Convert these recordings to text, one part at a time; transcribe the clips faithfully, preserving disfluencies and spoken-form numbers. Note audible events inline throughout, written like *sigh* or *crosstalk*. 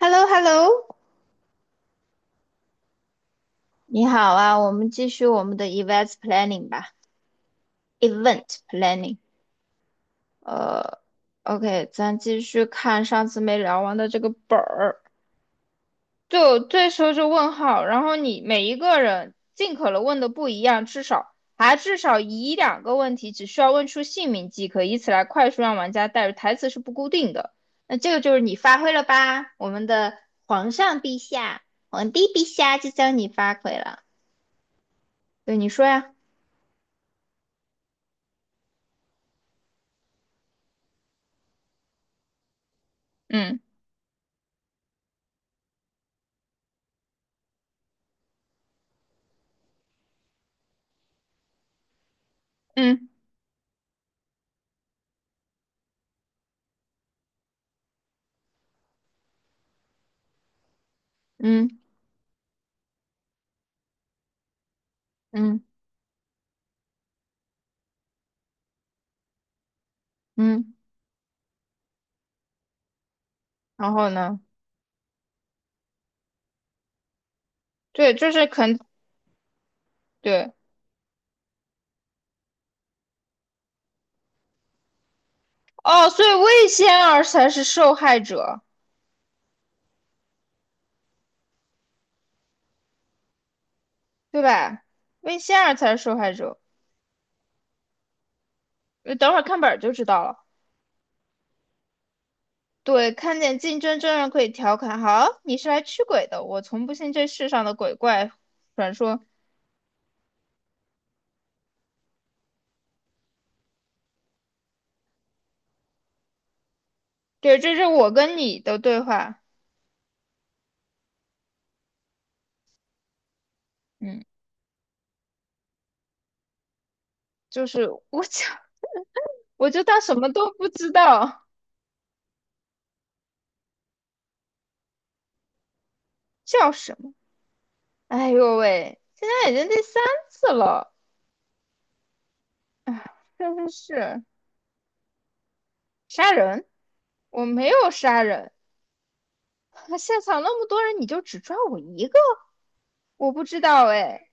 h e l l o h e l l o 你好啊，我们继续我们的 e v e n t planning 吧，event planning。呃，OK，咱继续看上次没聊完的这个本儿。就这时候就问号，然后你每一个人尽可能问的不一样，至少还至少一两个问题，只需要问出姓名即可，以此来快速让玩家带入。台词是不固定的，那这个就是你发挥了吧，我们的皇上陛下、皇帝陛下，就叫你发挥了。对，你说呀，嗯。嗯嗯嗯嗯，然后呢？对，就是肯对哦，所以魏仙儿才是受害者，对吧？魏仙儿才是受害者。呃等会儿看本儿就知道了。对，看见竞争真人可以调侃，好，你是来驱鬼的，我从不信这世上的鬼怪传说。对，这是我跟你的对话。嗯，就是我就 *laughs* 我就当什么都不知道，叫什么？哎呦喂，现在已经第三次了。哎，真是杀人！我没有杀人，*laughs* 现场那么多人，你就只抓我一个？我不知道哎，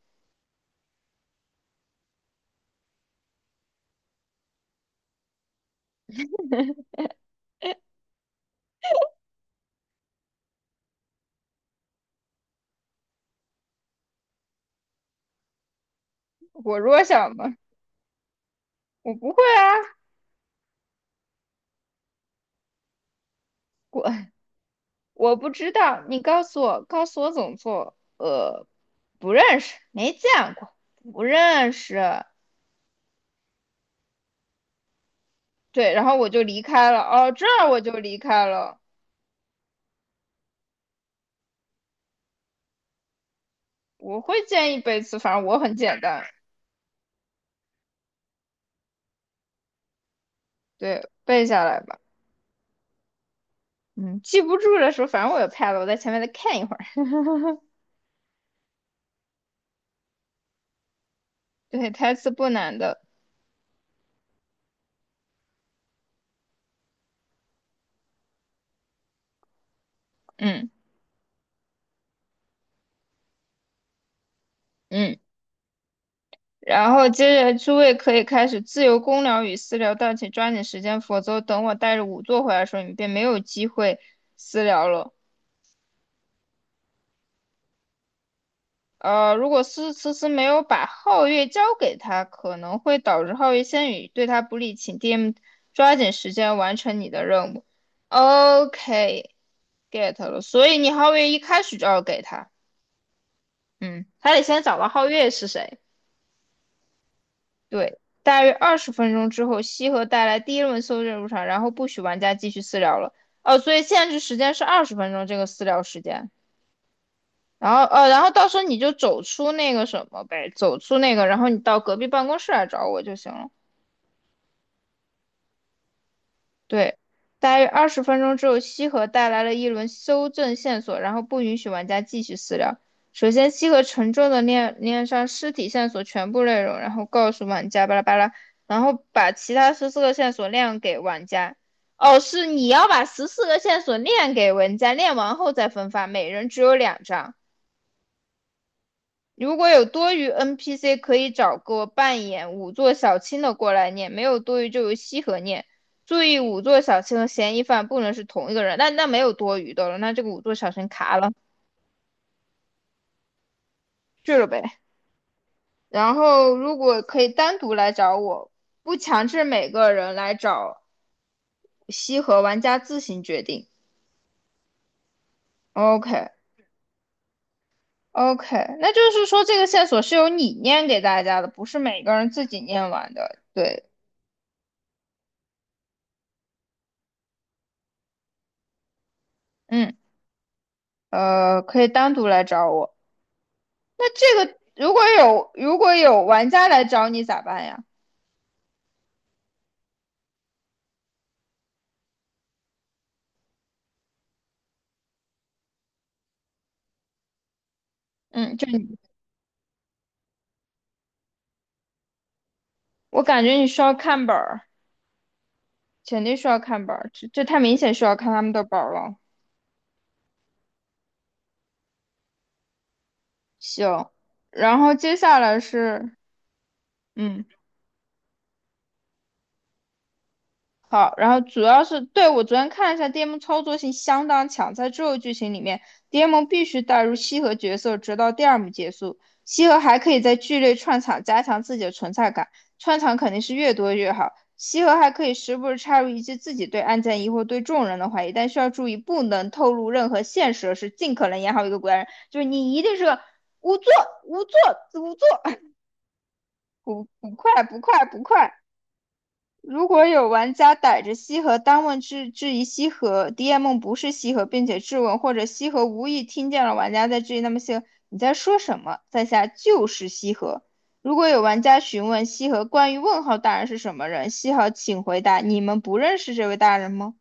我弱小吗？我不会啊，我我不知道，你告诉我，告诉我怎么做？呃，不认识，没见过，不认识。对，然后我就离开了。哦，这儿我就离开了。我会建议背词，反正我很简单，对，背下来吧。嗯，记不住的时候，反正我有 pad，我在前面再看一会儿。*laughs* 对，台词不难的。嗯嗯，然后接着诸位可以开始自由公聊与私聊，但请抓紧时间，否则等我带着仵作回来的时候，你便没有机会私聊了。呃，如果思思思没有把皓月交给他，可能会导致皓月仙语对他不利，请 D M 抓紧时间完成你的任务。OK，get 了，所以你皓月一开始就要给他，嗯，他得先找到皓月是谁。对，大约二十分钟之后，西河带来第一轮搜证入场，然后不许玩家继续私聊了。哦，所以限制时间是二十分钟这个私聊时间。然后，呃，然后到时候你就走出那个什么呗，走出那个，然后你到隔壁办公室来找我就行了。对，大约二十分钟之后，西河带来了一轮修正线索，然后不允许玩家继续私聊。首先，西河沉重的念念上尸体线索全部内容，然后告诉玩家巴拉巴拉，然后把其他十四个线索亮给玩家。哦，是你要把十四个线索亮给玩家，亮完后再分发，每人只有两张。如果有多余 N P C，可以找个扮演五座小青的过来念；没有多余就由西河念。注意，五座小青和嫌疑犯不能是同一个人。那那没有多余的了，那这个五座小青卡了，去了呗。然后如果可以单独来找我，不强制每个人来找西河，玩家自行决定。OK OK，那就是说这个线索是由你念给大家的，不是每个人自己念完的。对，嗯，呃，可以单独来找我。这个如果有如果有玩家来找你咋办呀？嗯，就你我感觉你需要看本儿，肯定需要看本儿，这这太明显需要看他们的本儿了。行，然后接下来是嗯，好，然后主要是，对，我昨天看了一下，D M 操作性相当强，在之后剧情里面，D M 必须带入西河角色，直到第二幕结束。西河还可以在剧内串场，加强自己的存在感，串场肯定是越多越好。西河还可以时不时插入一句自己对案件疑惑、对众人的怀疑，但需要注意，不能透露任何线索，是尽可能演好一个古代人，就是你一定是个无作，无作，无作，*laughs* 不不快，不快，不快。如果有玩家逮着西河单问质质疑西河 D M 不是西河，并且质问，或者西河无意听见了玩家在质疑，那么西河你在说什么？在下就是西河。如果有玩家询问西河关于问号大人是什么人，西河请回答：你们不认识这位大人吗？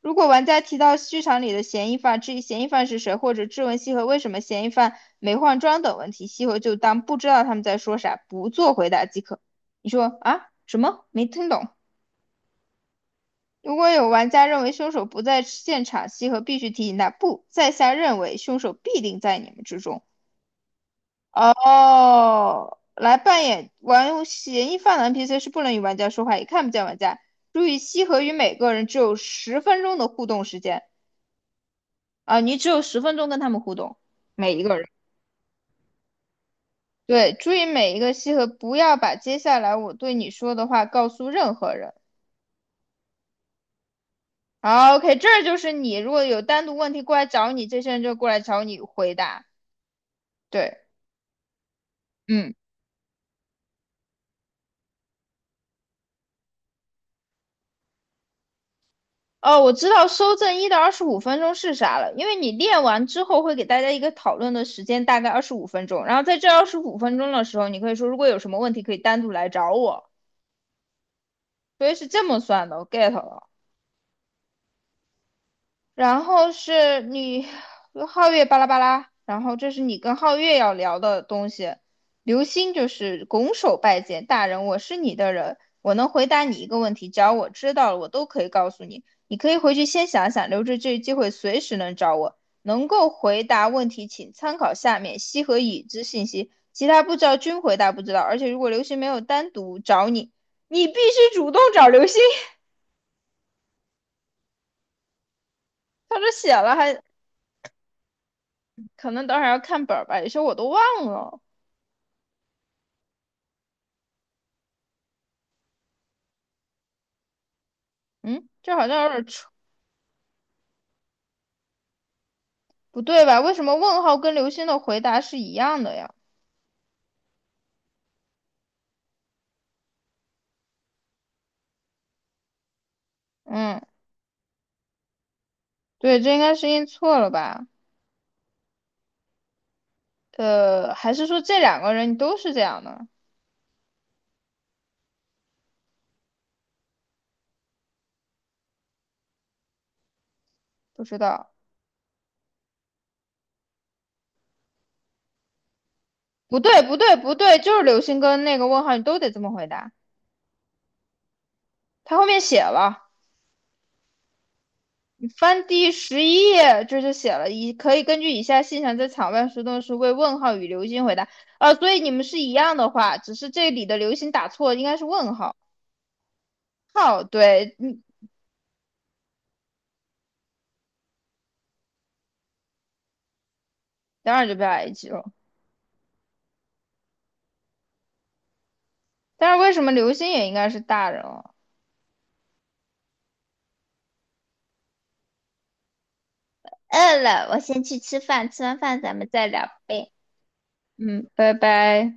如果玩家提到剧场里的嫌疑犯，质疑嫌疑犯是谁，或者质问西河为什么嫌疑犯没换装等问题，西河就当不知道他们在说啥，不做回答即可。你说啊？什么？没听懂。如果有玩家认为凶手不在现场，西河必须提醒他不，在下认为凶手必定在你们之中。哦，来扮演玩嫌疑犯的 N P C 是不能与玩家说话，也看不见玩家。注意，西河与每个人只有十分钟的互动时间啊，你只有十分钟跟他们互动，每一个人。对，注意每一个西河，不要把接下来我对你说的话告诉任何人。好，OK，这就是你。如果有单独问题过来找你，这些人就过来找你回答。对，嗯，哦，我知道收正一到二十五分钟是啥了，因为你练完之后会给大家一个讨论的时间，大概二十五分钟。然后在这二十五分钟的时候，你可以说如果有什么问题可以单独来找我，所以是这么算的，我 get 了。然后是你和皓月巴拉巴拉，然后这是你跟皓月要聊的东西。流星就是拱手拜见大人，我是你的人，我能回答你一个问题，只要我知道了，我都可以告诉你。你可以回去先想想，留着这个机会，随时能找我。能够回答问题，请参考下面西和已知信息，其他不知道均回答不知道。而且如果流星没有单独找你，你必须主动找流星。*laughs* 他这写了还可能等会儿要看本儿吧，有些我都忘了。嗯，这好像有点出不对吧？为什么问号跟刘星的回答是一样的呀？嗯，对，这应该是印错了吧？呃，还是说这两个人都是这样的？不知道。不对，不对，不对，就是刘星跟那个问号，你都得这么回答。他后面写了，你翻第十一页，这就写了，以可以根据以下现象在场外活动时为问号与刘星回答。呃，所以你们是一样的话，只是这里的刘星打错，应该是问号。好，对，嗯，当然就不要挨激了。但是为什么刘星也应该是大人哦？饿了，我先去吃饭，吃完饭咱们再聊呗。嗯，拜拜。